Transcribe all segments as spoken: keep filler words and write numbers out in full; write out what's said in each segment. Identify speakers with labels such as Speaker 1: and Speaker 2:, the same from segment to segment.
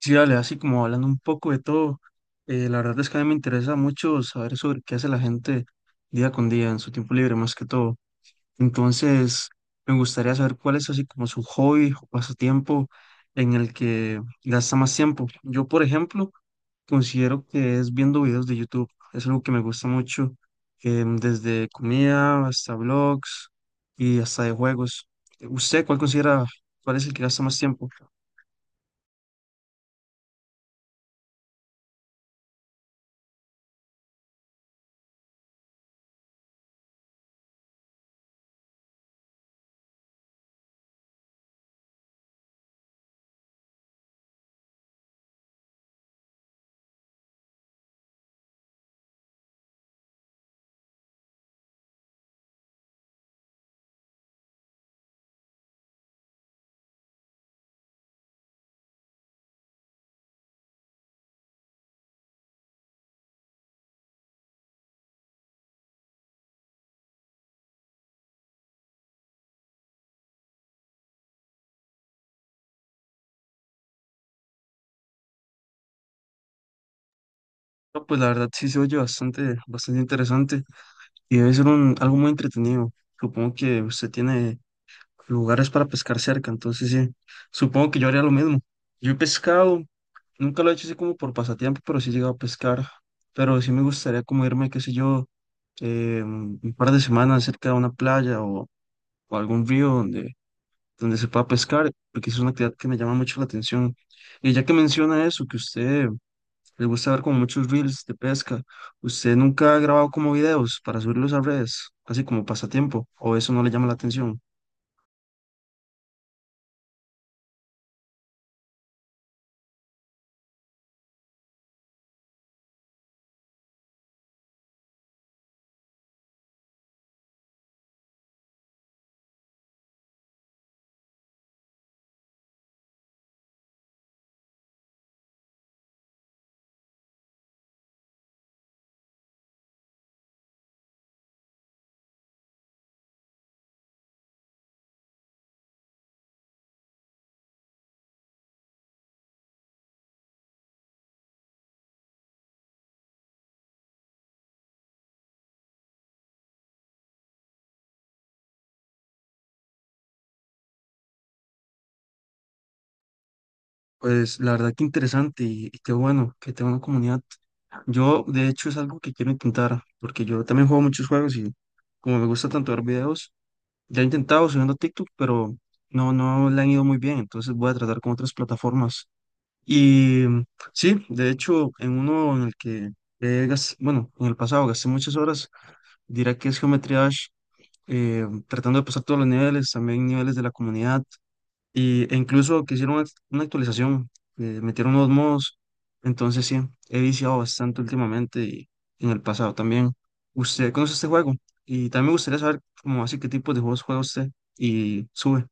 Speaker 1: Sí, dale, así como hablando un poco de todo, eh, la verdad es que a mí me interesa mucho saber sobre qué hace la gente día con día en su tiempo libre, más que todo. Entonces, me gustaría saber cuál es así como su hobby o pasatiempo en el que gasta más tiempo. Yo, por ejemplo, considero que es viendo videos de YouTube. Es algo que me gusta mucho, em, desde comida hasta vlogs y hasta de juegos. ¿Usted cuál considera, cuál es el que gasta más tiempo? No, pues la verdad sí se oye bastante, bastante interesante y debe ser un, algo muy entretenido. Supongo que usted tiene lugares para pescar cerca, entonces sí, supongo que yo haría lo mismo. Yo he pescado, nunca lo he hecho así como por pasatiempo, pero sí he llegado a pescar, pero sí me gustaría como irme, qué sé yo, eh, un par de semanas cerca de una playa o, o algún río donde, donde se pueda pescar, porque es una actividad que me llama mucho la atención. Y ya que menciona eso, que usted les gusta ver como muchos reels de pesca. ¿Usted nunca ha grabado como videos para subirlos a redes, así como pasatiempo? ¿O eso no le llama la atención? Pues la verdad que interesante y, y qué bueno que tenga una comunidad. Yo, de hecho, es algo que quiero intentar, porque yo también juego muchos juegos y como me gusta tanto ver videos, ya he intentado subiendo a TikTok, pero no, no le han ido muy bien, entonces voy a tratar con otras plataformas. Y mm, sí, de hecho, en uno en el que, eh, gas- bueno, en el pasado gasté muchas horas, dirá que es geometría eh, tratando de pasar todos los niveles, también niveles de la comunidad, y, e incluso que hicieron una, una actualización, eh, metieron unos modos, entonces sí, he viciado bastante últimamente y en el pasado también. ¿Usted conoce este juego? Y también me gustaría saber como así qué tipo de juegos juega usted y sube.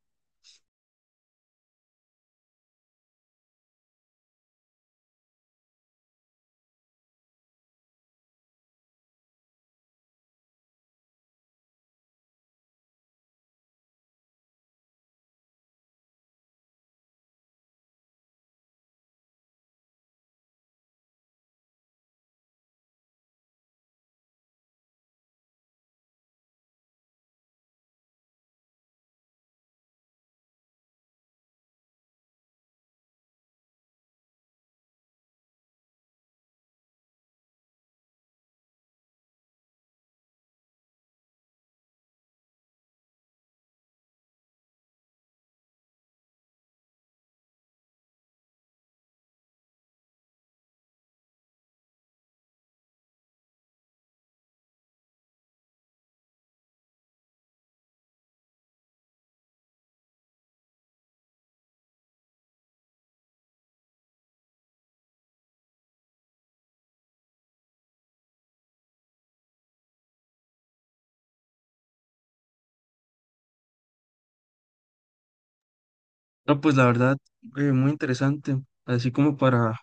Speaker 1: No, pues la verdad, eh, muy interesante. Así como para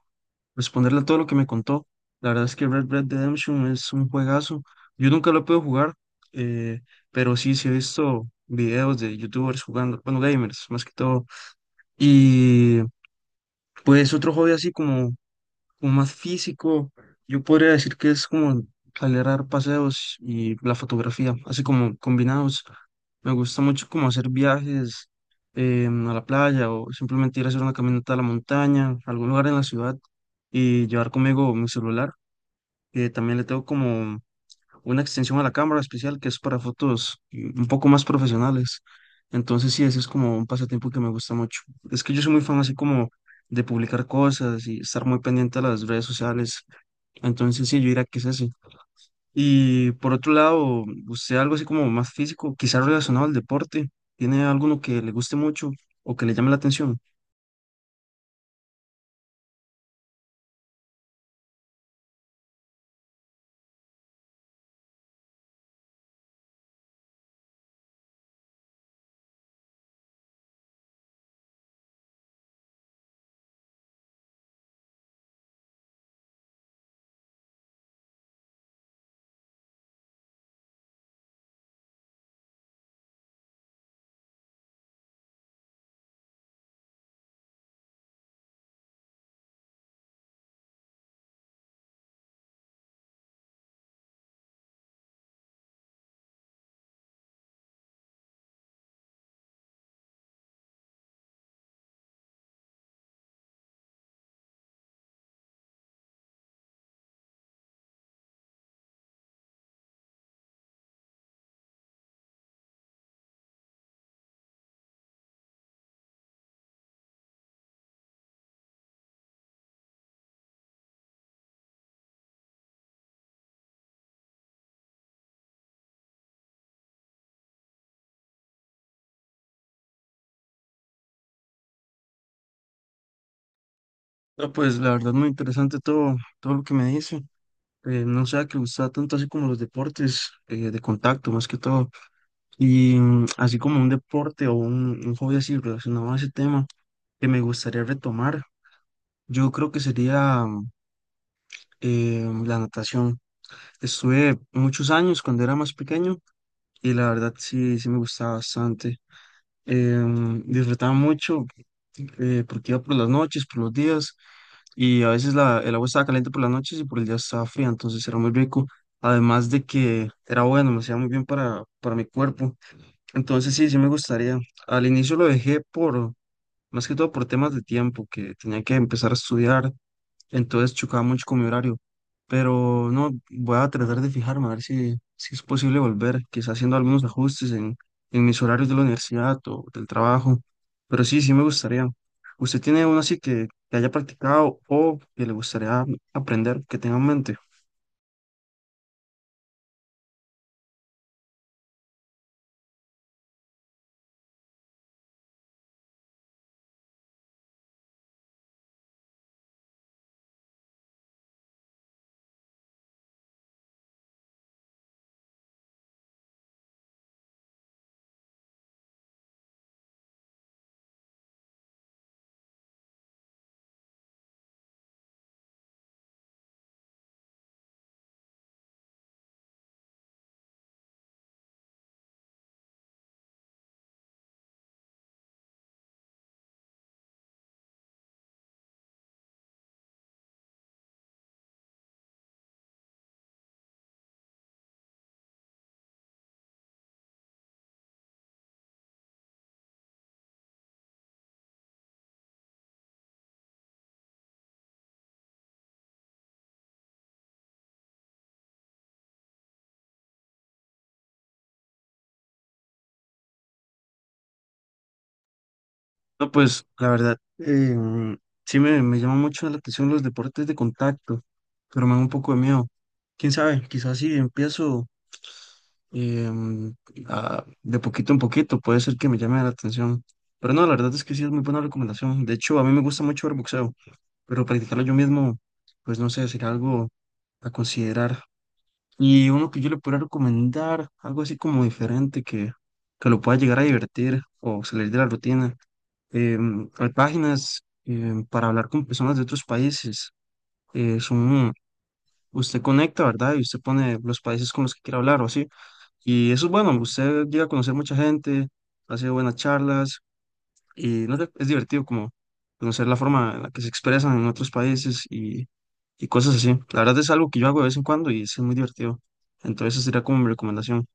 Speaker 1: responderle a todo lo que me contó. La verdad es que Red Dead Redemption es un juegazo. Yo nunca lo he podido jugar, eh, pero sí, sí he visto videos de youtubers jugando, bueno, gamers más que todo. Y pues otro hobby así como como más físico. Yo podría decir que es como salir a dar paseos y la fotografía, así como combinados. Me gusta mucho como hacer viajes eh, a la playa o simplemente ir a hacer una caminata a la montaña, a algún lugar en la ciudad y llevar conmigo mi celular, que también le tengo como una extensión a la cámara especial que es para fotos mm, un poco más profesionales. Entonces sí, ese es como un pasatiempo que me gusta mucho. Es que yo soy muy fan así como de publicar cosas y estar muy pendiente a las redes sociales. Entonces sí, yo diría que es ese. Y por otro lado, usted algo así como más físico, quizás relacionado al deporte, ¿tiene alguno que le guste mucho o que le llame la atención? No, pues la verdad muy interesante todo, todo lo que me dice. Eh, no sé que le gusta tanto así como los deportes eh, de contacto, más que todo. Y mm, así como un deporte o un, un hobby así relacionado a ese tema que me gustaría retomar, yo creo que sería mm, eh, la natación. Estuve muchos años cuando era más pequeño y la verdad sí, sí me gustaba bastante. Em, disfrutaba mucho eh, porque iba por las noches, por los días y a veces la, el agua estaba caliente por las noches y por el día estaba fría, entonces era muy rico. Además de que era bueno, me hacía muy bien para, para mi cuerpo. Entonces sí, sí me gustaría. Al inicio lo dejé por, más que todo por temas de tiempo, que tenía que empezar a estudiar, entonces chocaba mucho con mi horario. Pero no, voy a tratar de fijarme a ver si, si es posible volver, quizás haciendo algunos ajustes en, en mis horarios de la universidad o del trabajo. Pero sí, sí me gustaría. ¿Usted tiene uno así que, que haya practicado o que le gustaría aprender, que tenga en mente? No, pues la verdad, em, sí me, me llama mucho la atención los deportes de contacto, pero me da un poco de miedo. Quién sabe, quizás si empiezo em, a- de poquito en poquito, puede ser que me llame la atención. Pero no, la verdad es que sí es muy buena recomendación. De hecho, a mí me gusta mucho ver boxeo, pero practicarlo yo mismo, pues no sé, sería algo a considerar. Y uno que yo le pueda recomendar, algo así como diferente, que, que lo pueda llegar a divertir o salir de la rutina em, hay páginas em, para hablar con personas de otros países. Eh, son, usted conecta, ¿verdad? Y usted pone los países con los que quiere hablar o así. Y eso es bueno, usted llega a conocer mucha gente, hace buenas charlas y no sé, es divertido como conocer la forma en la que se expresan en otros países y, y cosas así. La verdad es algo que yo hago de vez en cuando y es muy divertido. Entonces, esa sería como mi recomendación.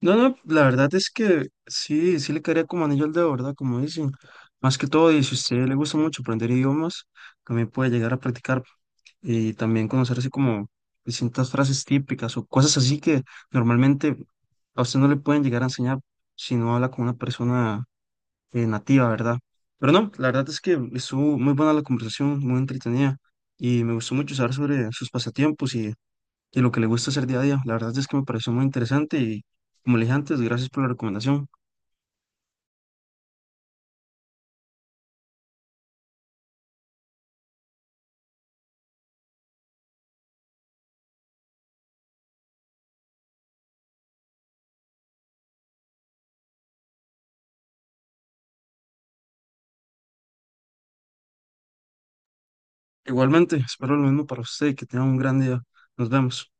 Speaker 1: No, no, la verdad es que sí, sí le caería como anillo al dedo, ¿verdad? Como dicen. Más que todo, y si a usted le gusta mucho aprender idiomas, también puede llegar a practicar y también conocer así como distintas frases típicas o cosas así que normalmente a usted no le pueden llegar a enseñar si no habla con una persona eh, nativa, ¿verdad? Pero no, la verdad es que estuvo muy buena la conversación, muy entretenida y me gustó mucho saber sobre sus pasatiempos y y lo que le gusta hacer día a día. La verdad es que me pareció muy interesante y, como le dije antes, gracias por la recomendación. Igualmente, espero lo mismo para usted que tenga un gran día. Nos vemos.